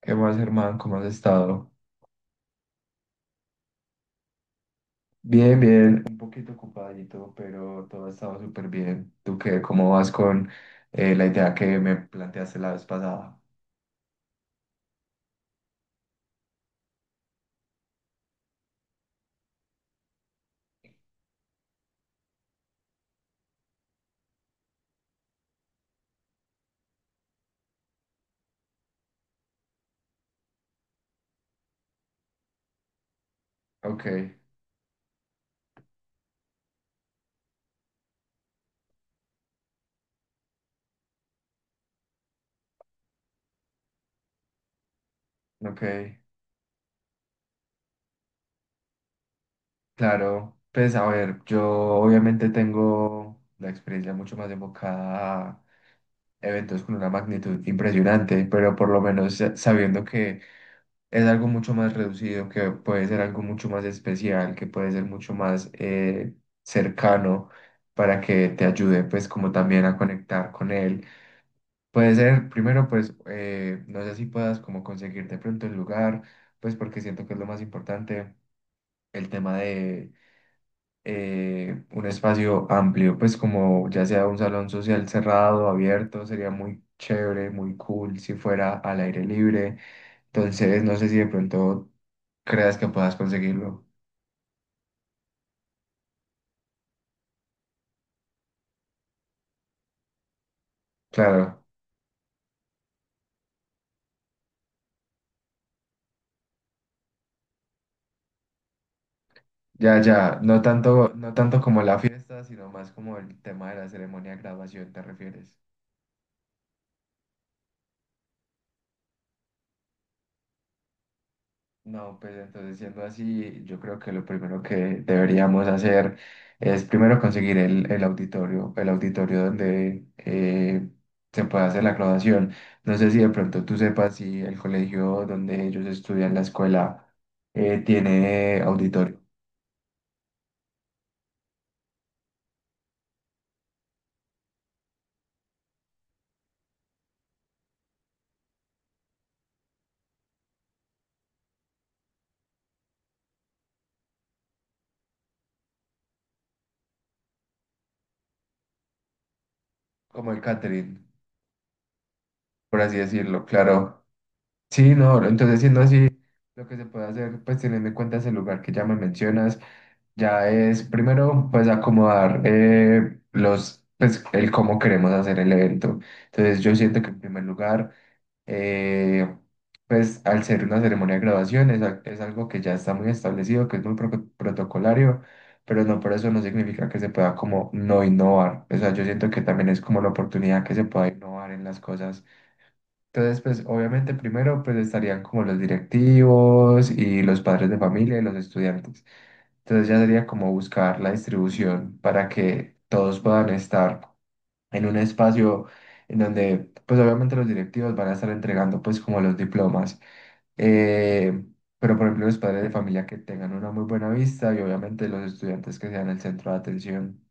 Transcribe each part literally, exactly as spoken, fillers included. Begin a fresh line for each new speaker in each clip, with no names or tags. ¿Qué más, hermano? ¿Cómo has estado? Bien, bien, un poquito ocupadito, pero todo ha estado súper bien. ¿Tú qué? ¿Cómo vas con eh, la idea que me planteaste la vez pasada? Ok, ok, claro. Pues a ver, yo obviamente tengo la experiencia mucho más enfocada a eventos con una magnitud impresionante, pero por lo menos sa- sabiendo que es algo mucho más reducido, que puede ser algo mucho más especial, que puede ser mucho más eh, cercano para que te ayude pues como también a conectar con él. Puede ser, primero pues, eh, no sé si puedas como conseguir de pronto el lugar, pues porque siento que es lo más importante, el tema de eh, un espacio amplio, pues como ya sea un salón social cerrado, abierto, sería muy chévere, muy cool si fuera al aire libre. Entonces, no sé si de pronto creas que puedas conseguirlo. Claro, ya, ya, no tanto, no tanto como la fiesta, sino más como el tema de la ceremonia de graduación, ¿te refieres? No, pues entonces siendo así, yo creo que lo primero que deberíamos hacer es primero conseguir el, el auditorio, el auditorio donde eh, se pueda hacer la graduación. No sé si de pronto tú sepas si el colegio donde ellos estudian la escuela eh, tiene auditorio, como el catering, por así decirlo, claro. Sí, no, entonces siendo así, lo que se puede hacer, pues teniendo en cuenta ese lugar que ya me mencionas, ya es primero, pues acomodar eh, los, pues el cómo queremos hacer el evento. Entonces yo siento que en primer lugar, eh, pues al ser una ceremonia de graduación, es, al- es algo que ya está muy establecido, que es muy pro- protocolario, pero no por eso no significa que se pueda como no innovar. O sea, yo siento que también es como la oportunidad que se pueda innovar en las cosas entonces, pues obviamente primero pues estarían como los directivos y los padres de familia y los estudiantes. Entonces ya sería como buscar la distribución para que todos puedan estar en un espacio en donde pues obviamente los directivos van a estar entregando pues como los diplomas. Eh, pero por ejemplo los padres de familia que tengan una muy buena vista y obviamente los estudiantes que sean el centro de atención.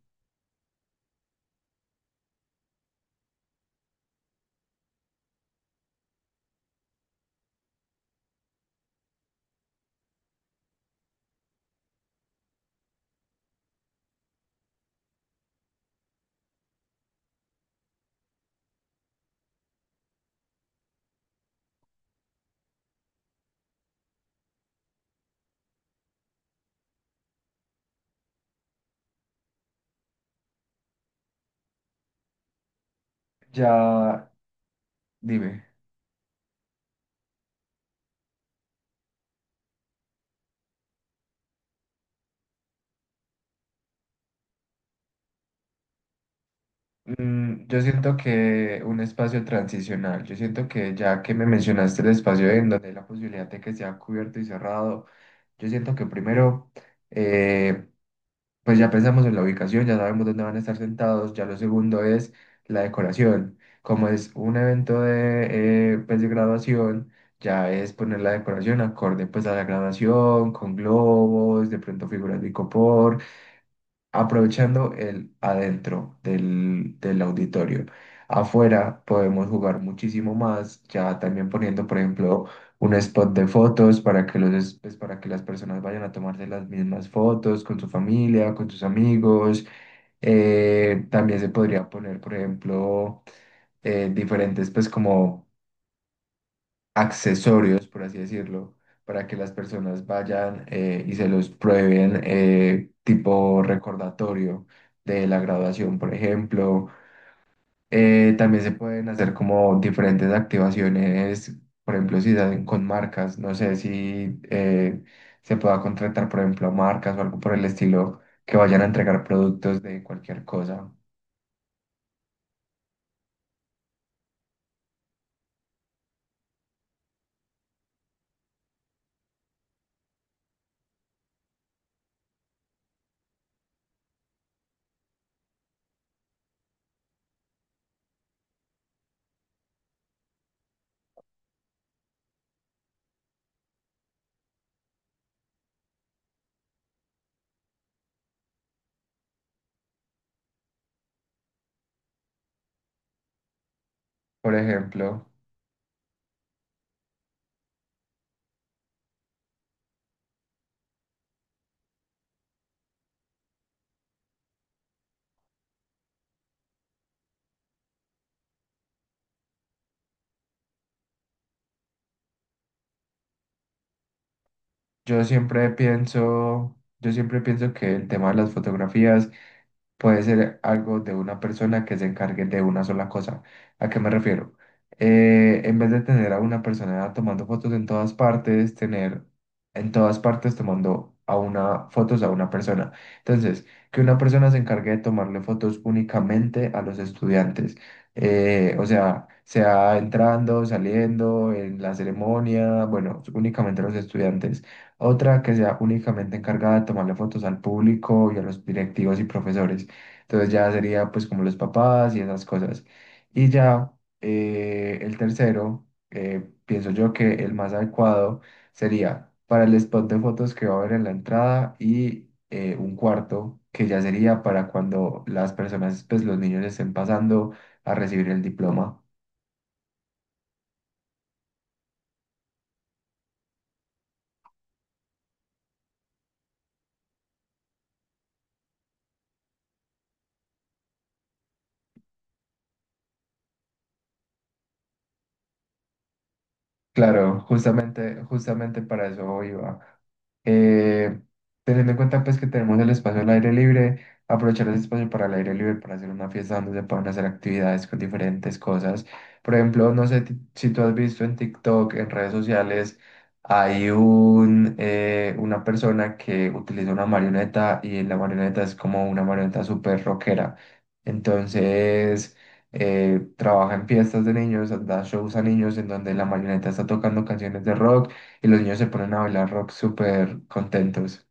Ya, dime. Mm, yo siento que un espacio transicional, yo siento que ya que me mencionaste el espacio en donde hay la posibilidad de que sea cubierto y cerrado, yo siento que primero, eh, pues ya pensamos en la ubicación, ya sabemos dónde van a estar sentados, ya lo segundo es la decoración, como es un evento de, eh, pues de graduación, ya es poner la decoración acorde pues a la graduación, con globos, de pronto figuras de icopor, aprovechando el adentro del, del auditorio. Afuera podemos jugar muchísimo más, ya también poniendo, por ejemplo, un spot de fotos para que los, es- pues, para que las personas vayan a tomarse las mismas fotos con su familia, con sus amigos. Eh, también se podría poner, por ejemplo, eh, diferentes, pues como accesorios, por así decirlo, para que las personas vayan eh, y se los prueben, eh, tipo recordatorio de la graduación, por ejemplo. Eh, también se pueden hacer como diferentes activaciones, por ejemplo, si salen con marcas, no sé si eh, se pueda contratar, por ejemplo, a marcas o algo por el estilo que vayan a entregar productos de cualquier cosa. Por ejemplo, yo siempre pienso, yo siempre pienso que el tema de las fotografías puede ser algo de una persona que se encargue de una sola cosa. ¿A qué me refiero? Eh, en vez de tener a una persona tomando fotos en todas partes, tener en todas partes tomando a una fotos a una persona. Entonces, que una persona se encargue de tomarle fotos únicamente a los estudiantes. Eh, o sea, sea entrando, saliendo, en la ceremonia, bueno, únicamente a los estudiantes. Otra que sea únicamente encargada de tomarle fotos al público y a los directivos y profesores. Entonces ya sería pues como los papás y esas cosas. Y ya eh, el tercero, eh, pienso yo que el más adecuado sería para el spot de fotos que va a haber en la entrada y eh, un cuarto que ya sería para cuando las personas, pues los niños estén pasando a recibir el diploma. Claro, justamente, justamente para eso iba. Eh, teniendo en cuenta pues que tenemos el espacio al aire libre, aprovechar ese espacio para el aire libre, para hacer una fiesta donde se puedan hacer actividades con diferentes cosas. Por ejemplo, no sé ti- si tú has visto en TikTok, en redes sociales, hay un, eh, una persona que utiliza una marioneta y la marioneta es como una marioneta súper rockera. Entonces eh, trabaja en fiestas de niños, da shows a niños en donde la marioneta está tocando canciones de rock y los niños se ponen a bailar rock súper contentos.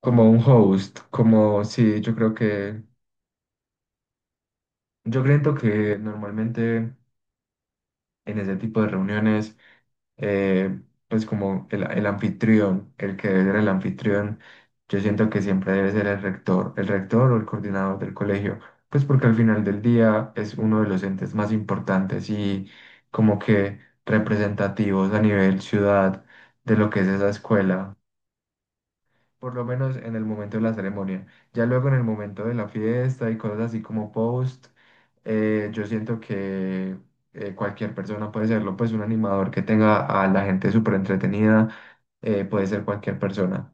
Como un host, como sí, yo creo que, yo creo que normalmente en ese tipo de reuniones, eh, pues como el, el anfitrión, el que debe ser el anfitrión, yo siento que siempre debe ser el rector, el rector o el coordinador del colegio, pues porque al final del día es uno de los entes más importantes y como que representativos a nivel ciudad de lo que es esa escuela por lo menos en el momento de la ceremonia. Ya luego en el momento de la fiesta y cosas así como post, eh, yo siento que eh, cualquier persona puede serlo, pues un animador que tenga a la gente súper entretenida, eh, puede ser cualquier persona.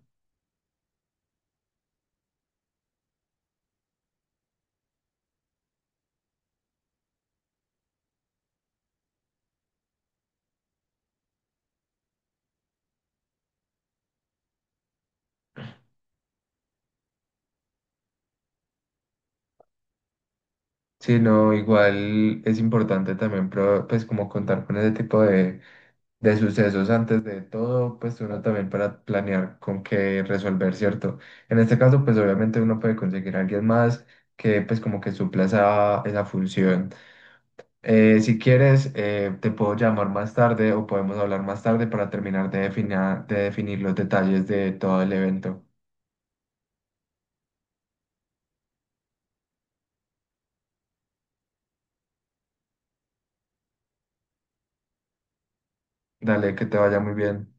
Sí, no, igual es importante también, pro- pues como contar con ese tipo de, de sucesos antes de todo, pues uno también para planear con qué resolver, ¿cierto? En este caso, pues obviamente uno puede conseguir a alguien más que pues como que supla esa, esa función. Eh, si quieres, eh, te puedo llamar más tarde o podemos hablar más tarde para terminar de definar- de definir los detalles de todo el evento. Dale, que te vaya muy bien.